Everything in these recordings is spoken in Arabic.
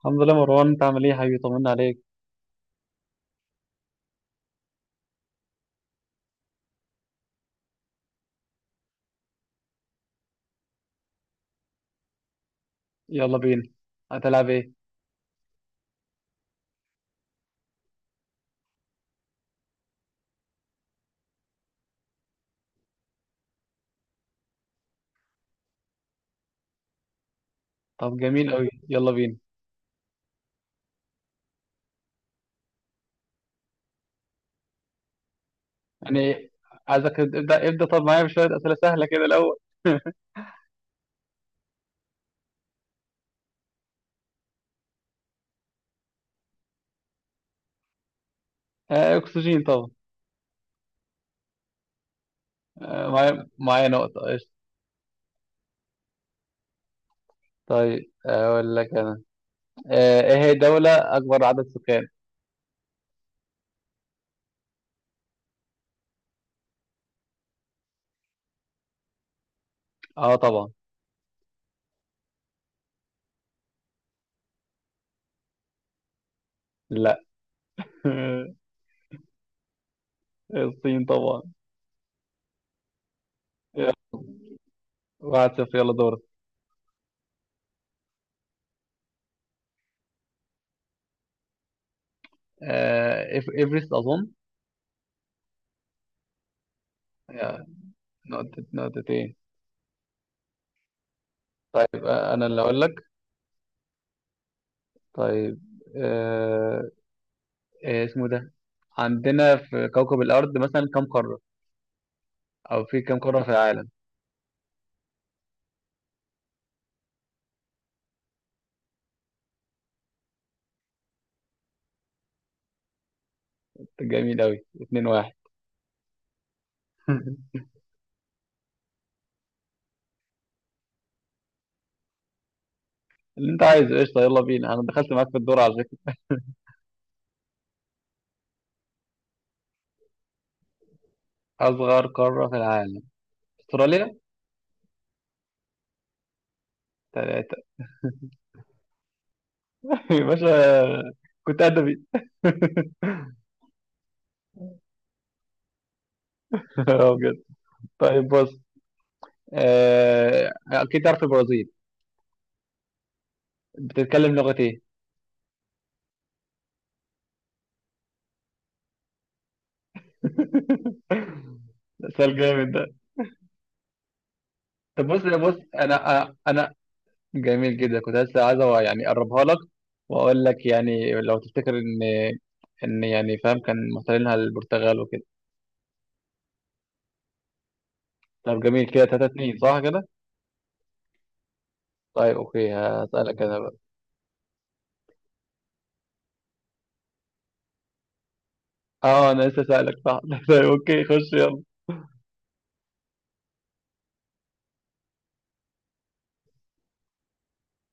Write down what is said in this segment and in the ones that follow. الحمد لله مروان، انت عامل ايه يا حبيبي؟ طمنا عليك. يلا بينا. هتلعب ايه؟ طب جميل قوي، يلا بينا. يعني عايزك ابدا ابدا، طب معايا بشويه اسئله سهله كده الاول. اكسجين طبعا. معايا نقطه، قشطه. طيب اقول لك انا. ايه هي الدوله اكبر عدد سكان؟ اه طبعا. لا. الصين طبعا. يلا، 1-0، يلا دور. ايفرست اظن. يا، نقطه، نقطتين. طيب انا اللي اقول لك. طيب آه إيه اسمه ده؟ عندنا في كوكب الأرض مثلا كام قارة؟ أو في كام قارة في العالم؟ جميل أوي، 2-1. اللي أنت عايزه قشطة، يلا بينا، أنا دخلت معاك في الدور على فكرة. أصغر قارة في العالم؟ أستراليا. تلاتة. يا باشا، كنت أدبي. آه بجد؟ طيب بص، أكيد تعرف البرازيل. بتتكلم لغة إيه؟ سؤال جامد ده. طب بص بص أنا جميل جدا، كنت لسه عايز يعني اقربها لك، واقول لك يعني لو تفتكر ان يعني فاهم كان محتلينها البرتغال وكده. طب جميل كده، 3-2 صح كده. طيب اوكي، هسألك انا بقى. اه انا لسه سألك صح. طيب اوكي، خش يلا.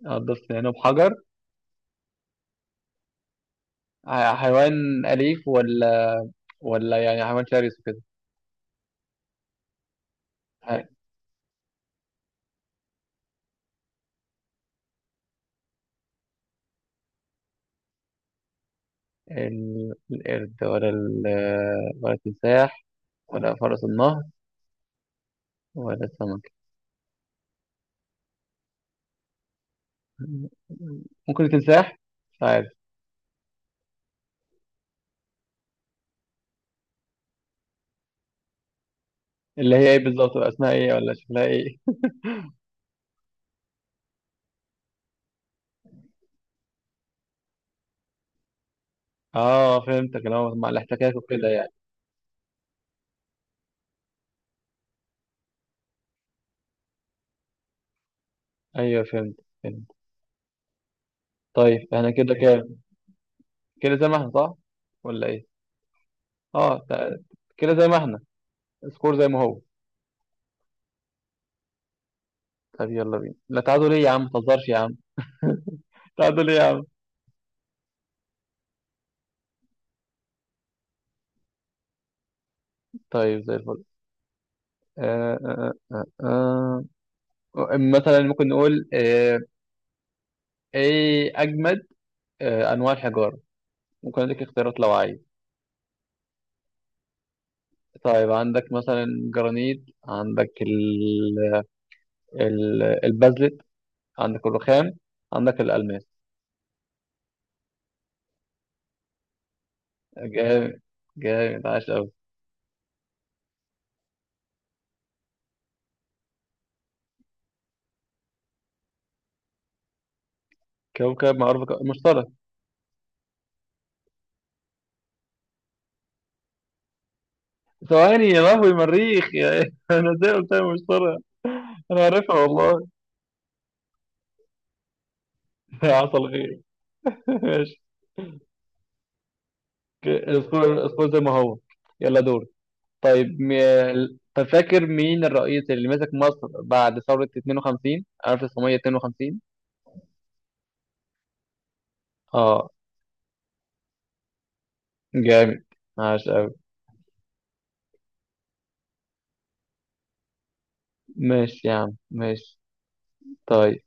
هتضيف هنا بحجر؟ حيوان اليف ولا يعني حيوان شرس وكده؟ ح- القرد ولا التمساح ولا فرس النهر ولا السمك. ممكن التمساح. اللي هي ايه بالظبط بقى، اسمها ايه ولا شكلها ايه؟ اه فهمتك، اللي هو مع الاحتكاك وكده يعني. ايوه، فهمت فهمت. طيب احنا كده كام؟ كده زي ما احنا صح ولا ايه؟ اه، كده زي ما احنا، سكور زي ما هو. طب يلا بينا، لا تعادل ايه يا عم؟ ما تهزرش يا عم، تعادل ايه يا عم؟ طيب زي الفل. آه آه آه. مثلا ممكن نقول ايه اجمد انواع الحجاره. ممكن اديك اختيارات لو عايز. طيب عندك مثلا جرانيت، عندك البازلت، عندك الرخام، عندك الألماس. جامد، جامد عاش أوي. كوكب معروف مشترك. ثواني يا لهوي، مريخ يا إيه؟ أنا إزاي قلت لها مشترك! أنا عارفها والله. حصل خير. ماشي. اذكر اذكر زي ما هو، يلا دور. طيب. طب فاكر مين الرئيس اللي مسك مصر بعد ثورة 52 1952؟ اه، جامد عاش أوي. ماشي يا عم ماشي. طيب،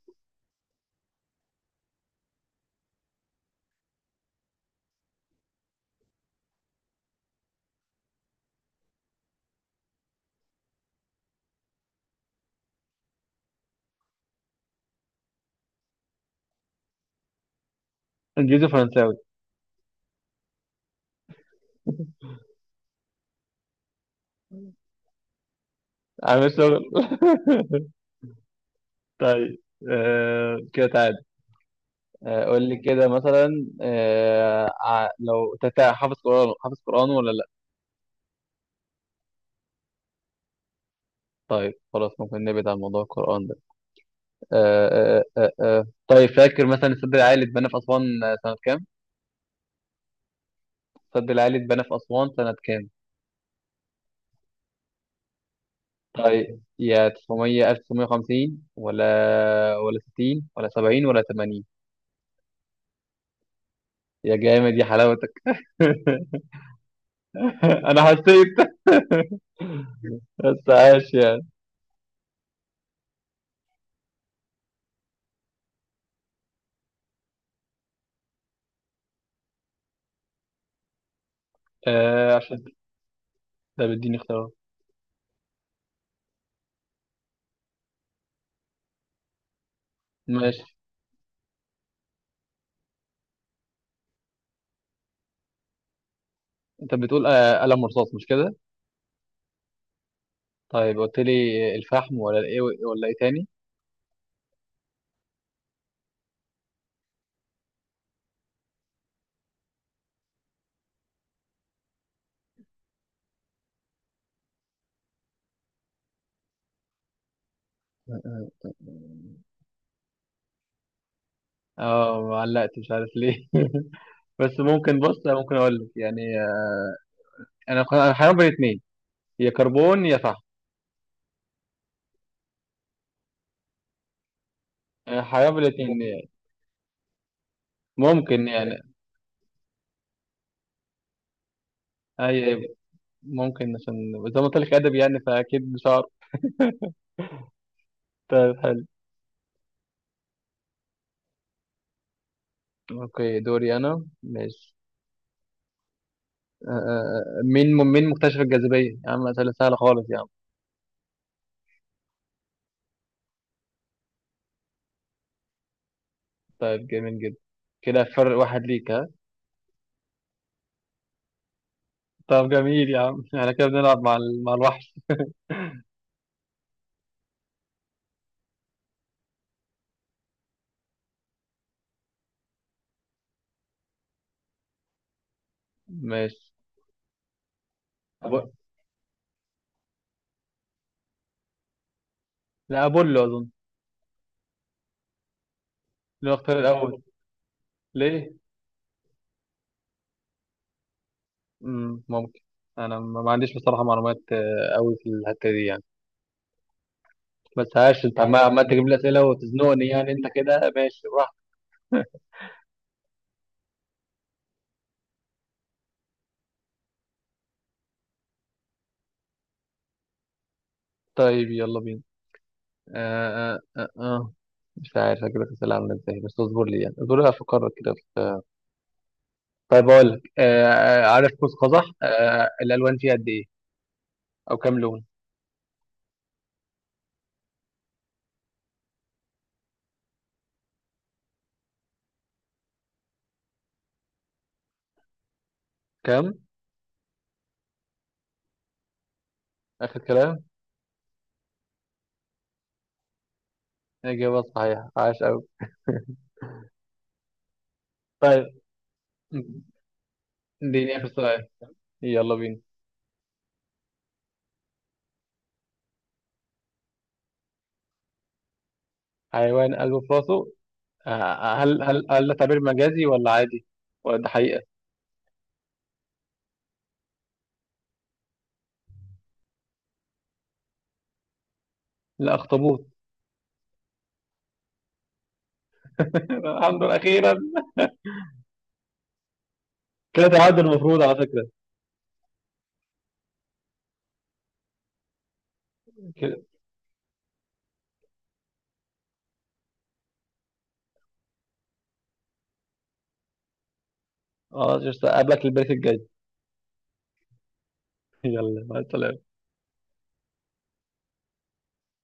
انجليزي فرنساوي. عامل شغل. طيب كده تعالى. قول لي كده مثلا آه ع- لو تتع حافظ قرآن ولا لا؟ طيب خلاص، ممكن نبعد عن موضوع القرآن ده. آه طيب فاكر مثلا السد العالي اتبنى في أسوان سنة كام؟ السد العالي اتبنى في أسوان سنة كام؟ طيب، يا 900 1950 ولا 60 ولا 70 ولا 80؟ يا جامد يا حلاوتك! انا حسيت. بس عاش يعني. عشان ده بيديني اختيارات. ماشي. انت بتقول قلم رصاص مش كده؟ طيب قلت لي الفحم ولا ايه ولا ايه تاني. اه، ما علقت، مش عارف ليه. بس ممكن، بص، ممكن اقول لك يعني انا حيران بين اتنين، يا كربون يا فحم. انا حيران بين الاتنين يعني. ممكن يعني. اي. ممكن عشان زي ما قلت لك ادب يعني، فاكيد مش هعرف. طيب حلو. اوكي دوري انا، ماشي. مين مكتشف الجاذبيه يا عم؟ اسئله سهله خالص يا عم. طيب جميل جدا. كده فرق واحد ليك، ها. طب جميل يا عم، احنا كده بنلعب مع الوحش. ماشي. أبو... لا أبولو أظن. اللي هو اختار الأول. ليه؟ مم. ممكن. أنا ما عنديش بصراحة معلومات أوي في الحتة دي يعني. بس عاش، أنت عمال عمال تجيب لي أسئلة وتزنقني يعني، أنت كده ماشي براحتك. طيب يلا بينا. آه آه آه آه. مش عارف أجيب لك أسئلة عاملة إزاي، بس اصبر لي يعني اصبر لي أفكر كده. طيب أقول لك عارف قوس قزح الألوان فيه قد إيه؟ أو كام لون؟ كام؟ آخر كلام؟ إجابة صحيحة، عاش أوي. طيب، اديني اخر سؤال، يلا بينا. حيوان قلبه في راسه. هل ده تعبير مجازي ولا عادي ولا ده حقيقة؟ لا، اخطبوط. الحمد لله اخيرا. كده تعادل المفروض على فكرة. كده. اه قبلك البريك الجاي. يلا مع السلامة.